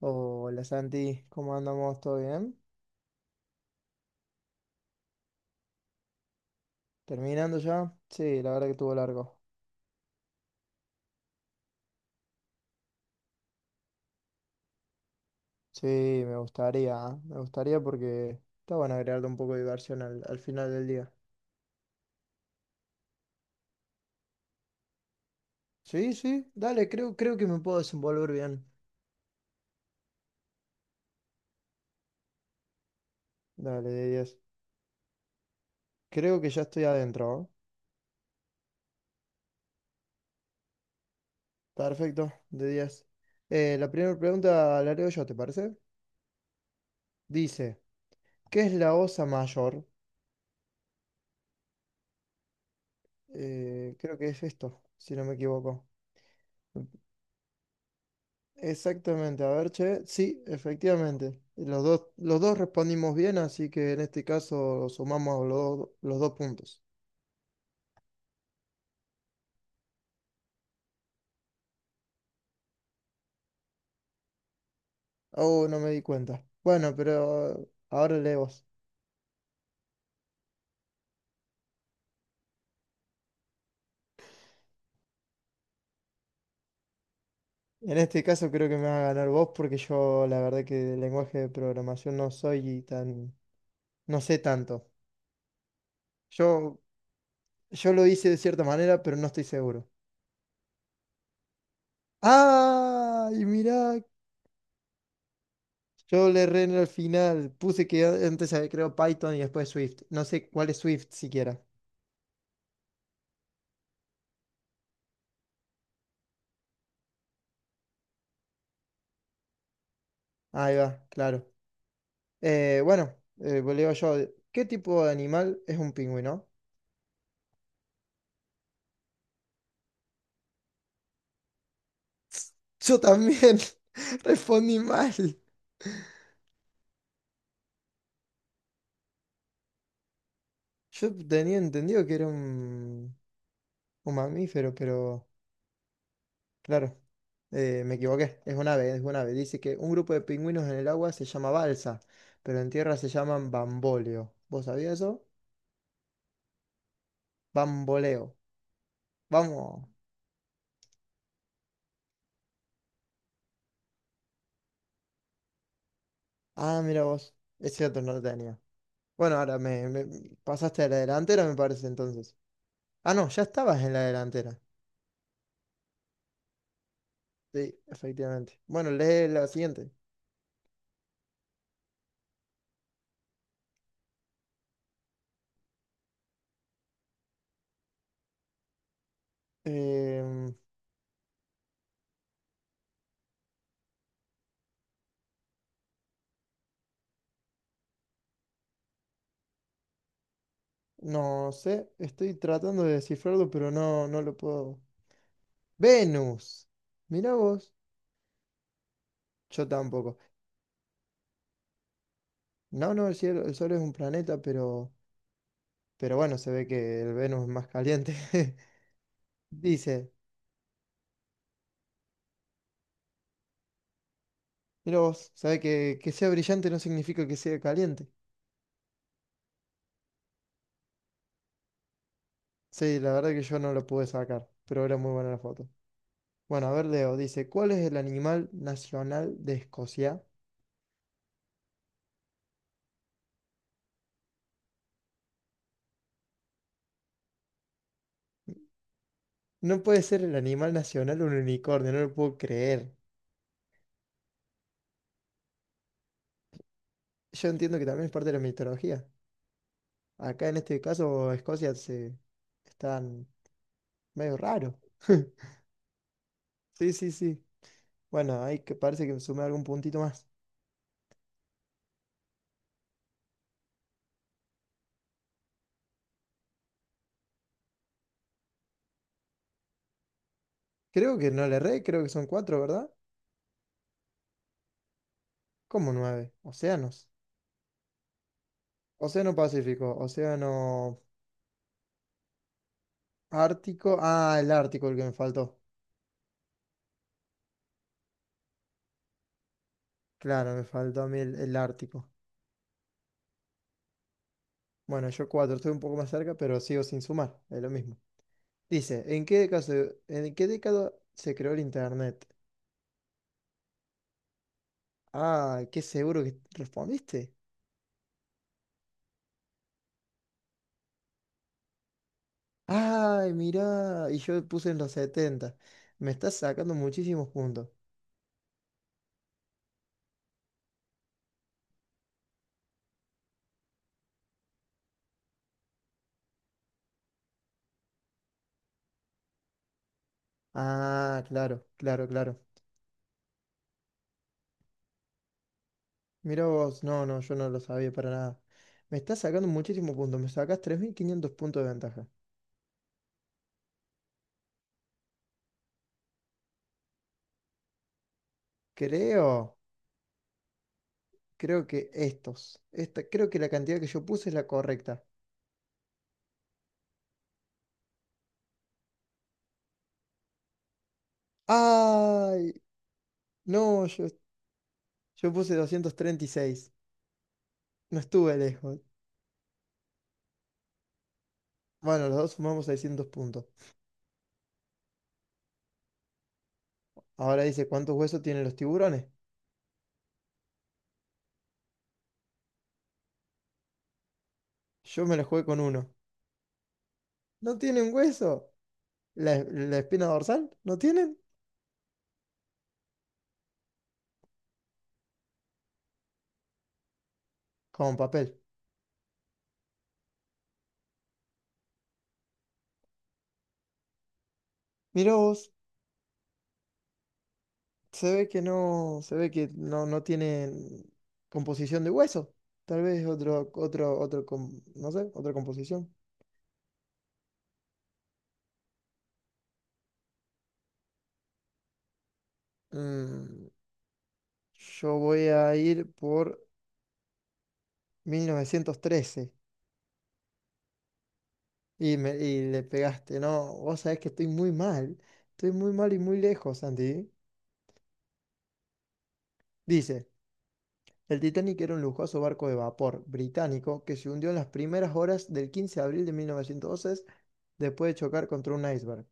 Hola Santi, ¿cómo andamos? ¿Todo bien? ¿Terminando ya? Sí, la verdad que estuvo largo. Sí, me gustaría, ¿eh? Me gustaría porque está bueno agregarle un poco de diversión al final del día. Sí, sí, dale, creo que me puedo desenvolver bien. Dale, de 10. Creo que ya estoy adentro, ¿eh? Perfecto, de 10. La primera pregunta la leo yo, ¿te parece? Dice, ¿qué es la Osa Mayor? Creo que es esto, si no me equivoco. Exactamente, a ver, che, sí, efectivamente. Los dos respondimos bien, así que en este caso sumamos los dos puntos. Oh, no me di cuenta. Bueno, pero ahora lee vos. En este caso creo que me va a ganar vos porque yo la verdad que de lenguaje de programación no sé tanto. Yo, yo lo hice de cierta manera, pero no estoy seguro. ¡Ay, mirá! Yo le erré en el final. Puse que antes había creado Python y después Swift. No sé cuál es Swift siquiera. Ahí va, claro. Bueno, pues le digo yo, ¿qué tipo de animal es un pingüino? Yo también respondí mal. Yo tenía entendido que era un mamífero, pero claro, me equivoqué. Es un ave. Dice que un grupo de pingüinos en el agua se llama balsa, pero en tierra se llaman bamboleo. ¿Vos sabías eso? Bamboleo. Vamos. Ah, mira vos. Es cierto, no lo tenía. Bueno, ahora me pasaste a la delantera, me parece entonces. Ah, no, ya estabas en la delantera. Sí, efectivamente. Bueno, lee la siguiente. Em, no sé, estoy tratando de descifrarlo, pero no lo puedo. Venus. Mira vos. Yo tampoco. No, no, el Sol es un planeta, pero bueno, se ve que el Venus es más caliente. Dice, mira vos, sabe que sea brillante no significa que sea caliente. Sí, la verdad que yo no lo pude sacar, pero era muy buena la foto. Bueno, a ver, Leo, dice, ¿cuál es el animal nacional de Escocia? No puede ser el animal nacional un unicornio, no lo puedo creer. Yo entiendo que también es parte de la mitología. Acá en este caso, Escocia se están medio raro. Sí, sí, sí. Bueno, ahí que parece que me sumé algún puntito más. Creo que no le erré, creo que son cuatro, ¿verdad? Como nueve. Océanos. Océano Pacífico, Océano Ártico. Ah, el Ártico, el que me faltó. Claro, me faltó a mí el Ártico. Bueno, yo cuatro, estoy un poco más cerca, pero sigo sin sumar. Es lo mismo. Dice, ¿en qué década se creó el Internet? Ah, qué seguro que respondiste. Ay, mirá, y yo puse en los 70. Me estás sacando muchísimos puntos. Ah, claro, claro, claro. Mira vos, no, no, yo no lo sabía para nada. Me estás sacando muchísimos puntos, me sacas 3.500 puntos de ventaja. Creo, creo que la cantidad que yo puse es la correcta. Ay, no, yo puse 236. No estuve lejos. Bueno, los dos sumamos 600 puntos. Ahora dice, ¿cuántos huesos tienen los tiburones? Yo me la jugué con uno. ¿No tienen hueso? ¿La espina dorsal? ¿No tienen? Con papel. Mirá vos, se ve que no, no tienen composición de hueso. Tal vez otro, no sé, otra composición. Mm, yo voy a ir por 1913. Y le pegaste, ¿no? Vos sabés que estoy muy mal. Estoy muy mal y muy lejos, Andy. Dice, el Titanic era un lujoso barco de vapor británico que se hundió en las primeras horas del 15 de abril de 1912 después de chocar contra un iceberg.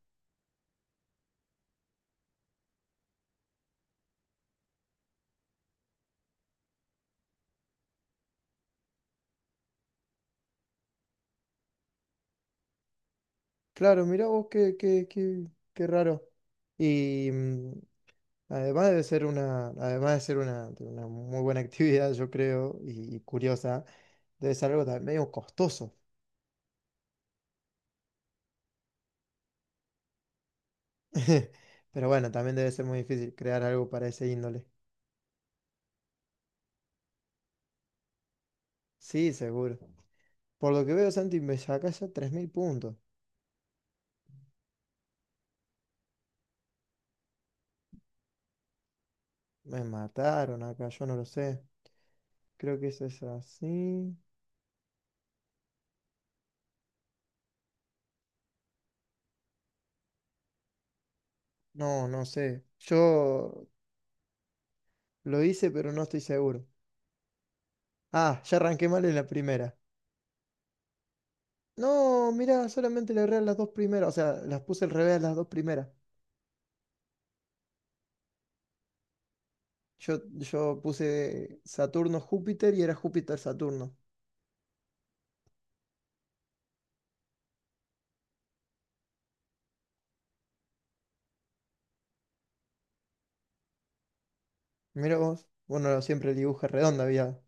Claro, mirá vos qué raro. Y además además de ser una, de una muy buena actividad, yo creo, y curiosa, debe ser algo también medio costoso. Pero bueno, también debe ser muy difícil crear algo para ese índole. Sí, seguro. Por lo que veo, Santi, me sacás ya 3.000 puntos. Me mataron acá, yo no lo sé. Creo que eso es así. No, no sé. Yo lo hice, pero no estoy seguro. Ah, ya arranqué mal en la primera. No, mirá, solamente le erré a las dos primeras. O sea, las puse al revés a las dos primeras. Yo puse Saturno-Júpiter y era Júpiter-Saturno. Mira vos. Bueno, siempre el dibujo es redondo había.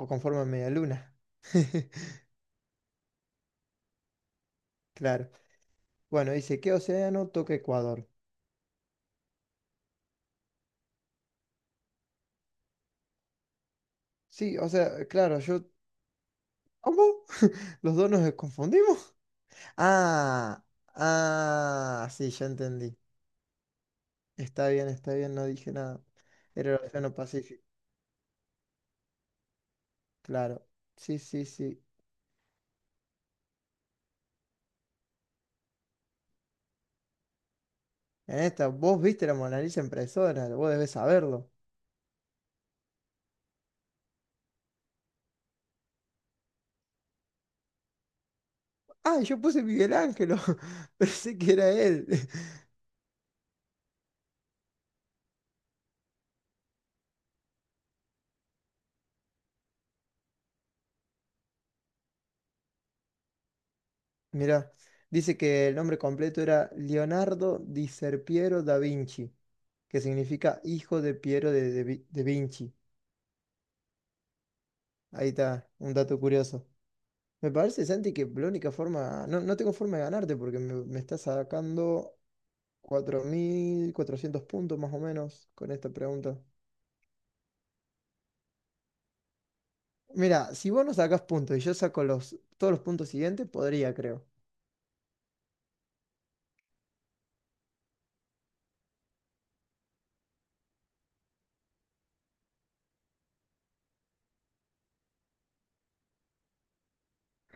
O con forma de media luna. Claro. Bueno, dice, ¿qué océano toca Ecuador? Sí, o sea, claro, yo... ¿Cómo? ¿Los dos nos confundimos? Ah, ah, sí, ya entendí. Está bien, no dije nada. Era el Océano Pacífico, claro. Sí, sí, sí. En esta, vos viste la Mona Lisa en persona, vos debés saberlo. Ah, yo puse Miguel Ángelo, pensé que era él. Mirá, dice que el nombre completo era Leonardo di Serpiero da Vinci, que significa hijo de Piero de de Vinci. Ahí está, un dato curioso. Me parece, Santi, que la única forma, no, no tengo forma de ganarte porque me estás sacando 4.400 puntos más o menos con esta pregunta. Mira, si vos no sacás puntos y yo saco todos los puntos siguientes, podría, creo.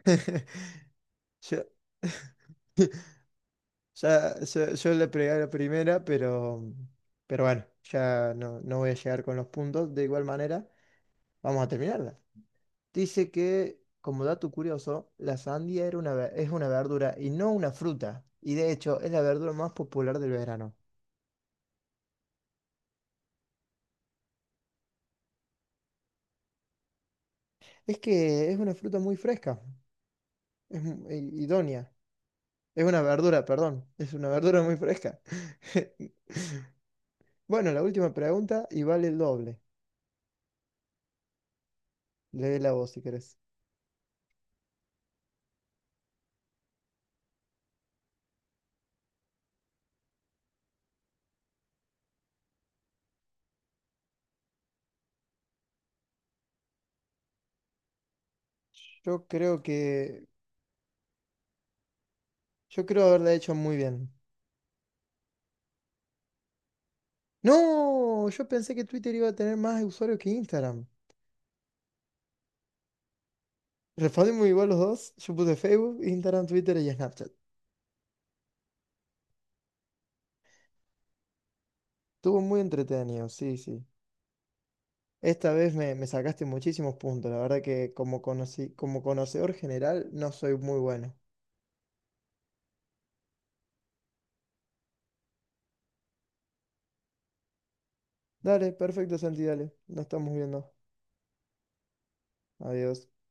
Yo, yo le pegué a la primera, pero bueno, ya no, no voy a llegar con los puntos. De igual manera, vamos a terminarla. Dice que, como dato curioso, la sandía es una verdura y no una fruta. Y de hecho, es la verdura más popular del verano. Es que es una fruta muy fresca. Es idónea. Es una verdura, perdón. Es una verdura muy fresca. Bueno, la última pregunta y vale el doble. Léela vos si querés. Yo creo que. Yo creo haberla hecho muy bien. ¡No! Yo pensé que Twitter iba a tener más usuarios que Instagram. Respondimos igual los dos. Yo puse Facebook, Instagram, Twitter y Snapchat. Estuvo muy entretenido, sí, sí. Esta vez me sacaste muchísimos puntos. La verdad que como conocedor general no soy muy bueno. Dale, perfecto, Santi, dale. Nos estamos viendo. Adiós.